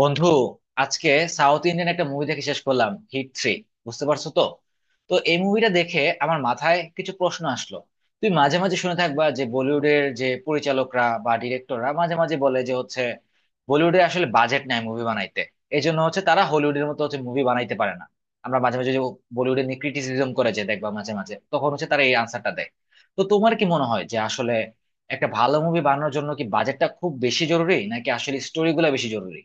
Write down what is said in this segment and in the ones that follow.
বন্ধু, আজকে south Indian একটা মুভি দেখে শেষ করলাম, হিট 3। বুঝতে পারছো তো? তো এই মুভিটা দেখে আমার মাথায় কিছু প্রশ্ন আসলো। তুই মাঝে মাঝে শুনে থাকবা যে বলিউডের যে পরিচালকরা বা ডিরেক্টররা মাঝে মাঝে বলে যে হচ্ছে বলিউডে আসলে বাজেট নাই মুভি বানাইতে, এই জন্য হচ্ছে তারা হলিউডের মতো হচ্ছে মুভি বানাইতে পারে না। আমরা মাঝে মাঝে যে বলিউডে নিয়ে ক্রিটিসিজম করে যে দেখবা, মাঝে মাঝে তখন হচ্ছে তারা এই আনসারটা দেয়। তো তোমার কি মনে হয় যে আসলে একটা ভালো মুভি বানানোর জন্য কি বাজেটটা খুব বেশি জরুরি নাকি আসলে স্টোরি গুলা বেশি জরুরি?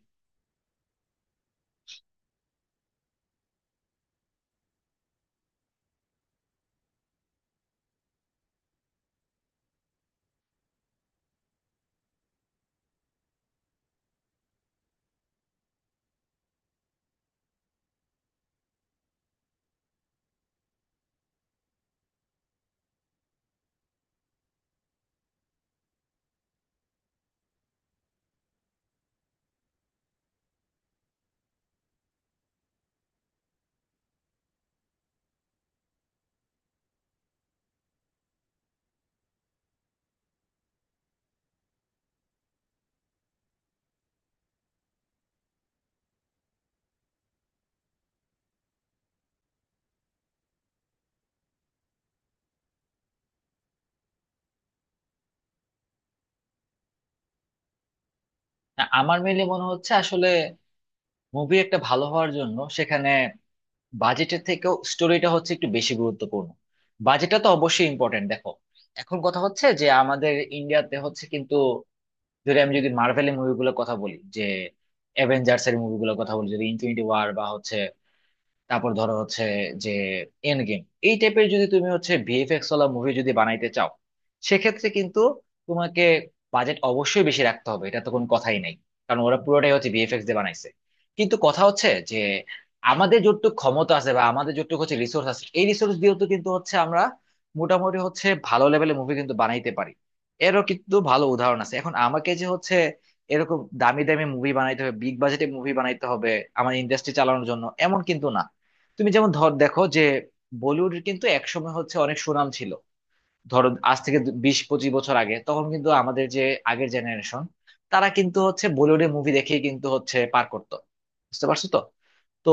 না, আমার মেইনলি মনে হচ্ছে আসলে মুভি একটা ভালো হওয়ার জন্য সেখানে বাজেটের থেকেও স্টোরিটা হচ্ছে একটু বেশি গুরুত্বপূর্ণ। বাজেটটা তো অবশ্যই ইম্পর্টেন্ট, দেখো এখন কথা হচ্ছে যে আমাদের ইন্ডিয়াতে হচ্ছে কিন্তু আমি যদি মার্ভেলের মুভিগুলোর কথা বলি, যে অ্যাভেঞ্জার্স এর মুভিগুলোর কথা বলি, যদি ইনফিনিটি ওয়ার বা হচ্ছে তারপর ধরো হচ্ছে যে এন্ড গেম, এই টাইপের যদি তুমি হচ্ছে ভিএফএক্স ওয়ালা মুভি যদি বানাইতে চাও, সেক্ষেত্রে কিন্তু তোমাকে বাজেট অবশ্যই বেশি রাখতে হবে, এটা তো কোনো কথাই নাই। কারণ ওরা পুরোটাই হচ্ছে ভিএফএক্স দিয়ে বানাইছে। কিন্তু কথা হচ্ছে যে আমাদের যতটুকু ক্ষমতা আছে বা আমাদের যতটুকু হচ্ছে রিসোর্স আছে, এই রিসোর্স দিয়েও তো কিন্তু হচ্ছে আমরা মোটামুটি হচ্ছে ভালো লেভেলের মুভি কিন্তু বানাইতে পারি। এরও কিন্তু ভালো উদাহরণ আছে। এখন আমাকে যে হচ্ছে এরকম দামি দামি মুভি বানাইতে হবে, বিগ বাজেটে মুভি বানাইতে হবে আমার ইন্ডাস্ট্রি চালানোর জন্য, এমন কিন্তু না। তুমি যেমন ধর, দেখো যে বলিউডের কিন্তু একসময় হচ্ছে অনেক সুনাম ছিল। ধরো আজ থেকে 20-25 বছর আগে তখন কিন্তু আমাদের যে আগের জেনারেশন, তারা কিন্তু হচ্ছে বলিউডের মুভি দেখেই কিন্তু হচ্ছে পার করতো। বুঝতে পারছো তো? তো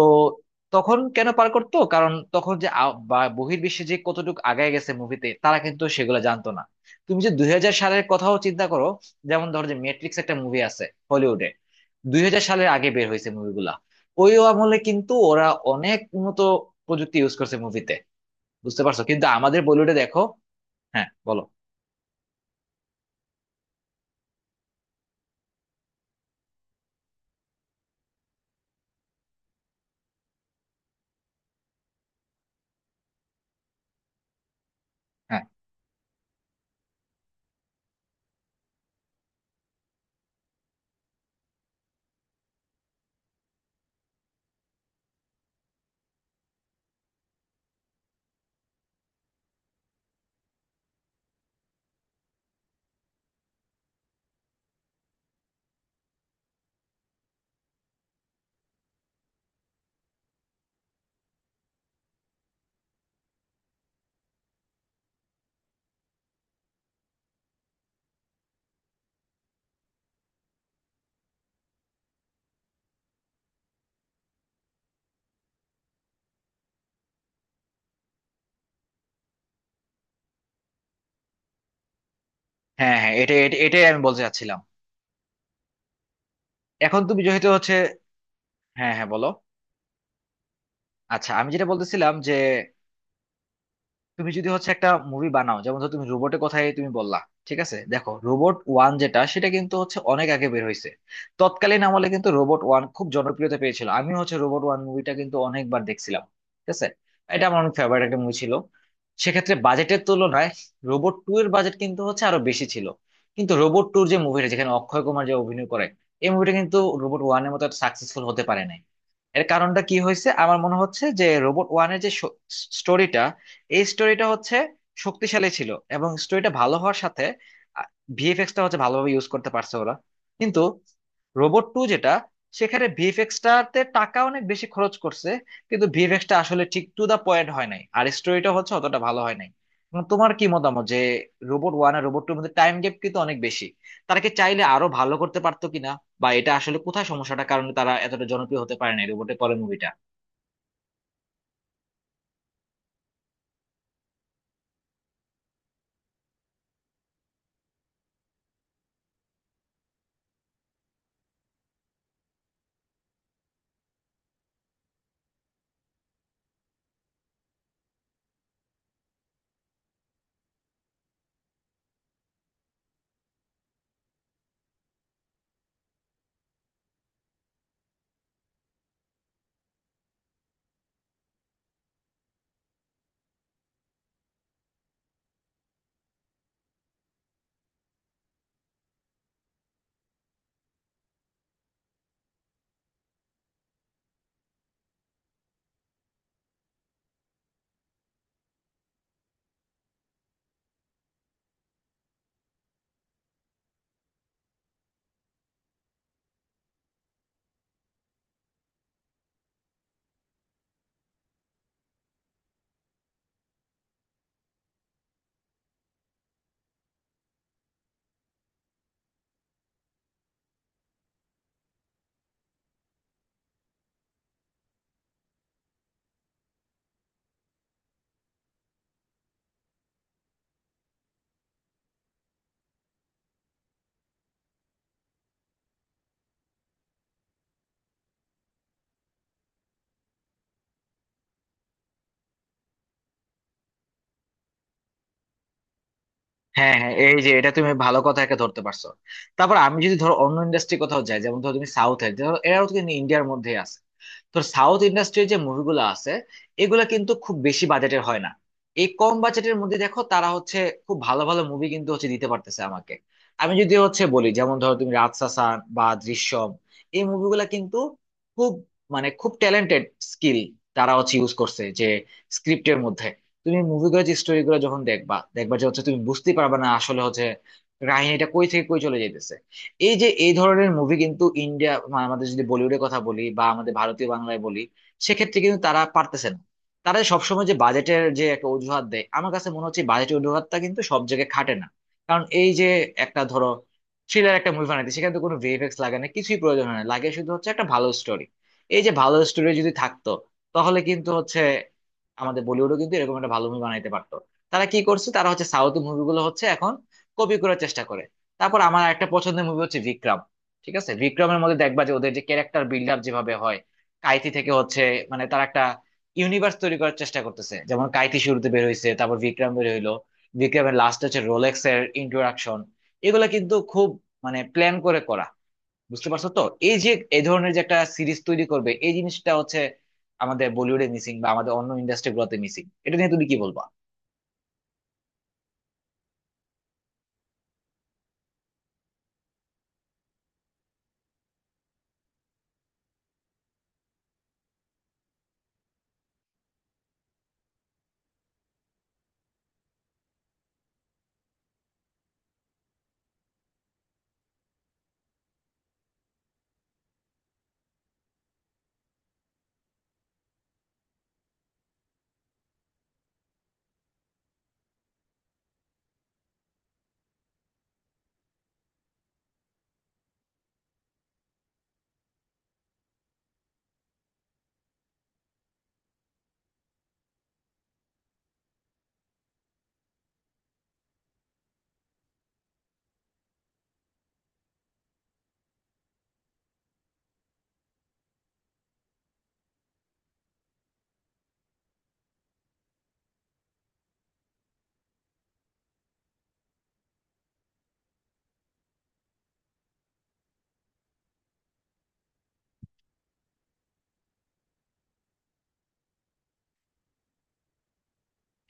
তখন কেন পার করতো? কারণ তখন যে বা বহির্বিশ্বে যে কতটুকু আগায় গেছে মুভিতে, তারা কিন্তু সেগুলো জানতো না। তুমি যে 2000 সালের কথাও চিন্তা করো, যেমন ধরো যে মেট্রিক্স একটা মুভি আছে হলিউডে, 2000 সালের আগে বের হয়েছে মুভিগুলা। ওই আমলে কিন্তু ওরা অনেক উন্নত প্রযুক্তি ইউজ করছে মুভিতে। বুঝতে পারছো? কিন্তু আমাদের বলিউডে দেখো। হ্যাঁ, বলো। হ্যাঁ, হ্যাঁ, হ্যাঁ, এটা এটা- এটাই আমি বলতে চাচ্ছিলাম। এখন তুমি যেহেতু হচ্ছে, হ্যাঁ, হ্যাঁ, বলো। আচ্ছা, আমি যেটা বলতেছিলাম যে তুমি যদি হচ্ছে একটা মুভি বানাও, যেমন ধর তুমি রোবটের কথাই তুমি বললা। ঠিক আছে, দেখো রোবট 1 যেটা, সেটা কিন্তু হচ্ছে অনেক আগে বের হয়েছে। তৎকালীন আমলে কিন্তু রোবট 1 খুব জনপ্রিয়তা পেয়েছিল। আমি হচ্ছে রোবট 1 মুভিটা কিন্তু অনেকবার দেখছিলাম। ঠিক আছে, এটা আমার অনেক ফেভারিট একটা মুভি ছিল। সেক্ষেত্রে বাজেটের তুলনায় রোবট 2 এর বাজেট কিন্তু হচ্ছে আরো বেশি ছিল। কিন্তু রোবট 2-র যে মুভিটা, যেখানে অক্ষয় কুমার যে অভিনয় করে, এই মুভিটা কিন্তু রোবট 1-এর মতো সাকসেসফুল হতে পারে নাই। এর কারণটা কি হয়েছে? আমার মনে হচ্ছে যে রোবট 1-এর যে স্টোরিটা, এই স্টোরিটা হচ্ছে শক্তিশালী ছিল, এবং স্টোরিটা ভালো হওয়ার সাথে ভিএফএক্সটা হচ্ছে ভালোভাবে ইউজ করতে পারছে ওরা। কিন্তু রোবট টু যেটা, সেখানে ভিএফএক্সটাতে টাকা অনেক বেশি খরচ করছে, কিন্তু ভিএফএক্সটা আসলে ঠিক টু দা পয়েন্ট হয় নাই, আর স্টোরিটা হচ্ছে অতটা ভালো হয় নাই। এখন তোমার কি মতামত যে রোবট 1 আর রোবট 2-র মধ্যে টাইম গ্যাপ কিন্তু অনেক বেশি, তারা কি চাইলে আরো ভালো করতে পারতো কিনা, বা এটা আসলে কোথায় সমস্যাটা, কারণে তারা এতটা জনপ্রিয় হতে পারে না রোবটের পরের মুভিটা? হ্যাঁ, হ্যাঁ, এই যে এটা তুমি ভালো কথা একটা ধরতে পারছো। তারপর আমি যদি ধরো অন্য ইন্ডাস্ট্রি কোথাও যাই, যেমন ধরো তুমি সাউথে, ধরো এরাও কিন্তু ইন্ডিয়ার মধ্যে আছে। তো সাউথ ইন্ডাস্ট্রির যে মুভিগুলো আছে, এগুলা কিন্তু খুব বেশি বাজেটের হয় না। এই কম বাজেটের মধ্যে দেখো তারা হচ্ছে খুব ভালো ভালো মুভি কিন্তু হচ্ছে দিতে পারতেছে আমাকে। আমি যদি হচ্ছে বলি, যেমন ধরো তুমি রাজশাসন বা দৃশ্যম, এই মুভিগুলা কিন্তু খুব, মানে খুব ট্যালেন্টেড স্কিল তারা হচ্ছে ইউজ করছে যে স্ক্রিপ্টের মধ্যে। তুমি মুভিগুলো যে স্টোরি গুলো যখন দেখবা, দেখবা যে হচ্ছে তুমি বুঝতে পারবে না আসলে হচ্ছে কাহিনীটা কই থেকে কই চলে যাইতেছে। এই যে এই ধরনের মুভি কিন্তু ইন্ডিয়া, মানে আমাদের যদি বলিউডের কথা বলি বা আমাদের ভারতীয় বাংলায় বলি, সেক্ষেত্রে কিন্তু তারা পারতেছে না। তারা সবসময় যে বাজেটের যে একটা অজুহাত দেয়, আমার কাছে মনে হচ্ছে বাজেটের অজুহাতটা কিন্তু সব জায়গায় খাটে না। কারণ এই যে একটা ধরো থ্রিলার একটা মুভি বানাইতে, সেখানে তো কোনো ভিএফএক্স লাগে না, কিছুই প্রয়োজন হয় না, লাগে শুধু হচ্ছে একটা ভালো স্টোরি। এই যে ভালো স্টোরি যদি থাকতো, তাহলে কিন্তু হচ্ছে আমাদের বলিউডও কিন্তু এরকম একটা ভালো মুভি বানাইতে পারতো। তারা কি করছে? তারা হচ্ছে সাউথ মুভিগুলো হচ্ছে এখন কপি করার চেষ্টা করে। তারপর আমার একটা পছন্দের মুভি হচ্ছে বিক্রম। ঠিক আছে, বিক্রমের মধ্যে দেখবা যে ওদের যে ক্যারেক্টার বিল্ড আপ যেভাবে হয়, কাইতি থেকে হচ্ছে, মানে তারা একটা ইউনিভার্স তৈরি করার চেষ্টা করতেছে। যেমন কাইতি শুরুতে বের হয়েছে, তারপর বিক্রম বের হইলো, বিক্রমের লাস্ট হচ্ছে রোলেক্স এর ইন্ট্রোডাকশন। এগুলো কিন্তু খুব, মানে প্ল্যান করে করা। বুঝতে পারছো তো? এই যে এই ধরনের যে একটা সিরিজ তৈরি করবে, এই জিনিসটা হচ্ছে আমাদের বলিউডে মিসিং বা আমাদের অন্য ইন্ডাস্ট্রি গুলোতে মিসিং, এটা নিয়ে তুমি কি বলবো?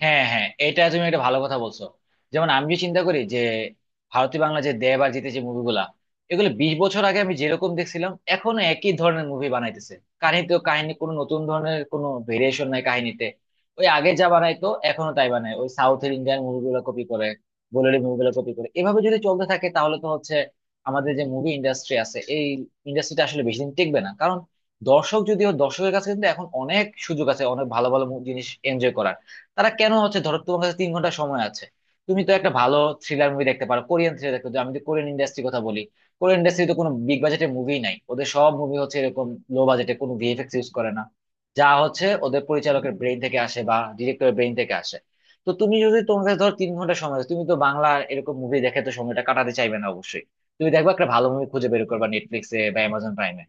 হ্যাঁ, হ্যাঁ, এটা তুমি একটা ভালো কথা বলছো। যেমন আমি যে চিন্তা করি যে ভারতীয় বাংলা যে দেব আর জিতে যে মুভিগুলা, এগুলো 20 বছর আগে আমি যেরকম দেখছিলাম, এখনো একই ধরনের মুভি বানাইতেছে। কাহিনীতেও কাহিনী কোনো নতুন ধরনের কোনো ভেরিয়েশন নাই কাহিনীতে। ওই আগে যা বানাইতো এখনো তাই বানায়, ওই সাউথের ইন্ডিয়ান মুভিগুলো কপি করে, বলিউড মুভিগুলো কপি করে। এভাবে যদি চলতে থাকে তাহলে তো হচ্ছে আমাদের যে মুভি ইন্ডাস্ট্রি আছে, এই ইন্ডাস্ট্রিটা আসলে বেশি দিন টিকবে না। কারণ দর্শক, যদিও দর্শকের কাছে কিন্তু এখন অনেক সুযোগ আছে অনেক ভালো ভালো জিনিস এনজয় করার। তারা কেন হচ্ছে, ধরো তোমার কাছে 3 ঘন্টা সময় আছে, তুমি তো একটা ভালো থ্রিলার মুভি দেখতে পারো, কোরিয়ান থ্রিলার দেখতে পারো। আমি তো কোরিয়ান ইন্ডাস্ট্রির কথা বলি, কোরিয়ান ইন্ডাস্ট্রি তো কোনো বিগ বাজেটের মুভি নাই, ওদের সব মুভি হচ্ছে এরকম লো বাজেটে, কোনো ভিএফএক্স ইউজ করে না, যা হচ্ছে ওদের পরিচালকের ব্রেইন থেকে আসে বা ডিরেক্টরের ব্রেইন থেকে আসে। তো তুমি যদি, তোমার কাছে ধরো 3 ঘন্টা সময় আছে, তুমি তো বাংলা এরকম মুভি দেখে তো সময়টা কাটাতে চাইবে না অবশ্যই। তুমি দেখবা একটা ভালো মুভি খুঁজে বের করবা নেটফ্লিক্সে বা অ্যামাজন প্রাইমে।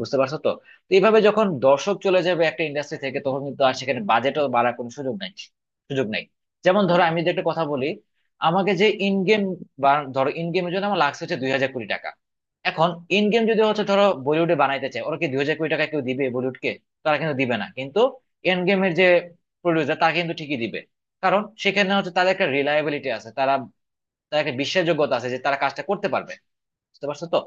বুঝতে পারছো তো? তো এইভাবে যখন দর্শক চলে যাবে একটা ইন্ডাস্ট্রি থেকে, তখন কিন্তু আর সেখানে বাজেটও বাড়ার কোনো সুযোগ নাই, সুযোগ নেই। যেমন ধরো আমি যদি একটা কথা বলি, আমাকে যে ইন গেম, বা ধরো ইন গেমের জন্য আমার লাগছে হচ্ছে 2000 কোটি টাকা, এখন ইন গেম যদি হচ্ছে ধরো বলিউডে বানাইতে চায়, ওরা কি 2000 কোটি টাকা কেউ দিবে বলিউডকে? তারা কিন্তু দিবে না। কিন্তু এন্ড গেমের যে প্রডিউসার, তারা কিন্তু ঠিকই দিবে। কারণ সেখানে হচ্ছে তাদের একটা রিলায়েবিলিটি আছে, তারা তাদের একটা বিশ্বাসযোগ্যতা আছে যে তারা কাজটা করতে পারবে। বুঝতে পারছো তো?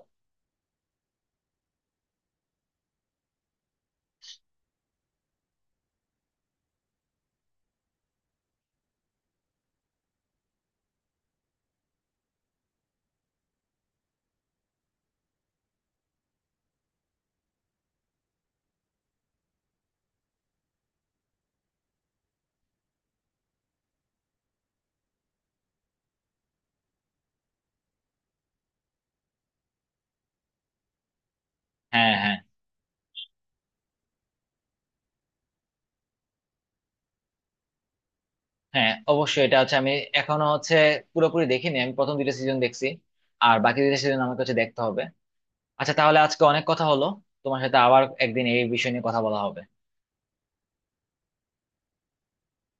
হ্যাঁ, হ্যাঁ, হ্যাঁ, অবশ্যই। এটা হচ্ছে আমি এখনো হচ্ছে পুরোপুরি দেখিনি, আমি প্রথম 2টা সিজন দেখছি, আর বাকি 2টা সিজন আমাকে হচ্ছে দেখতে হবে। আচ্ছা, তাহলে আজকে অনেক কথা হলো, তোমার সাথে আবার একদিন এই বিষয় নিয়ে কথা বলা হবে।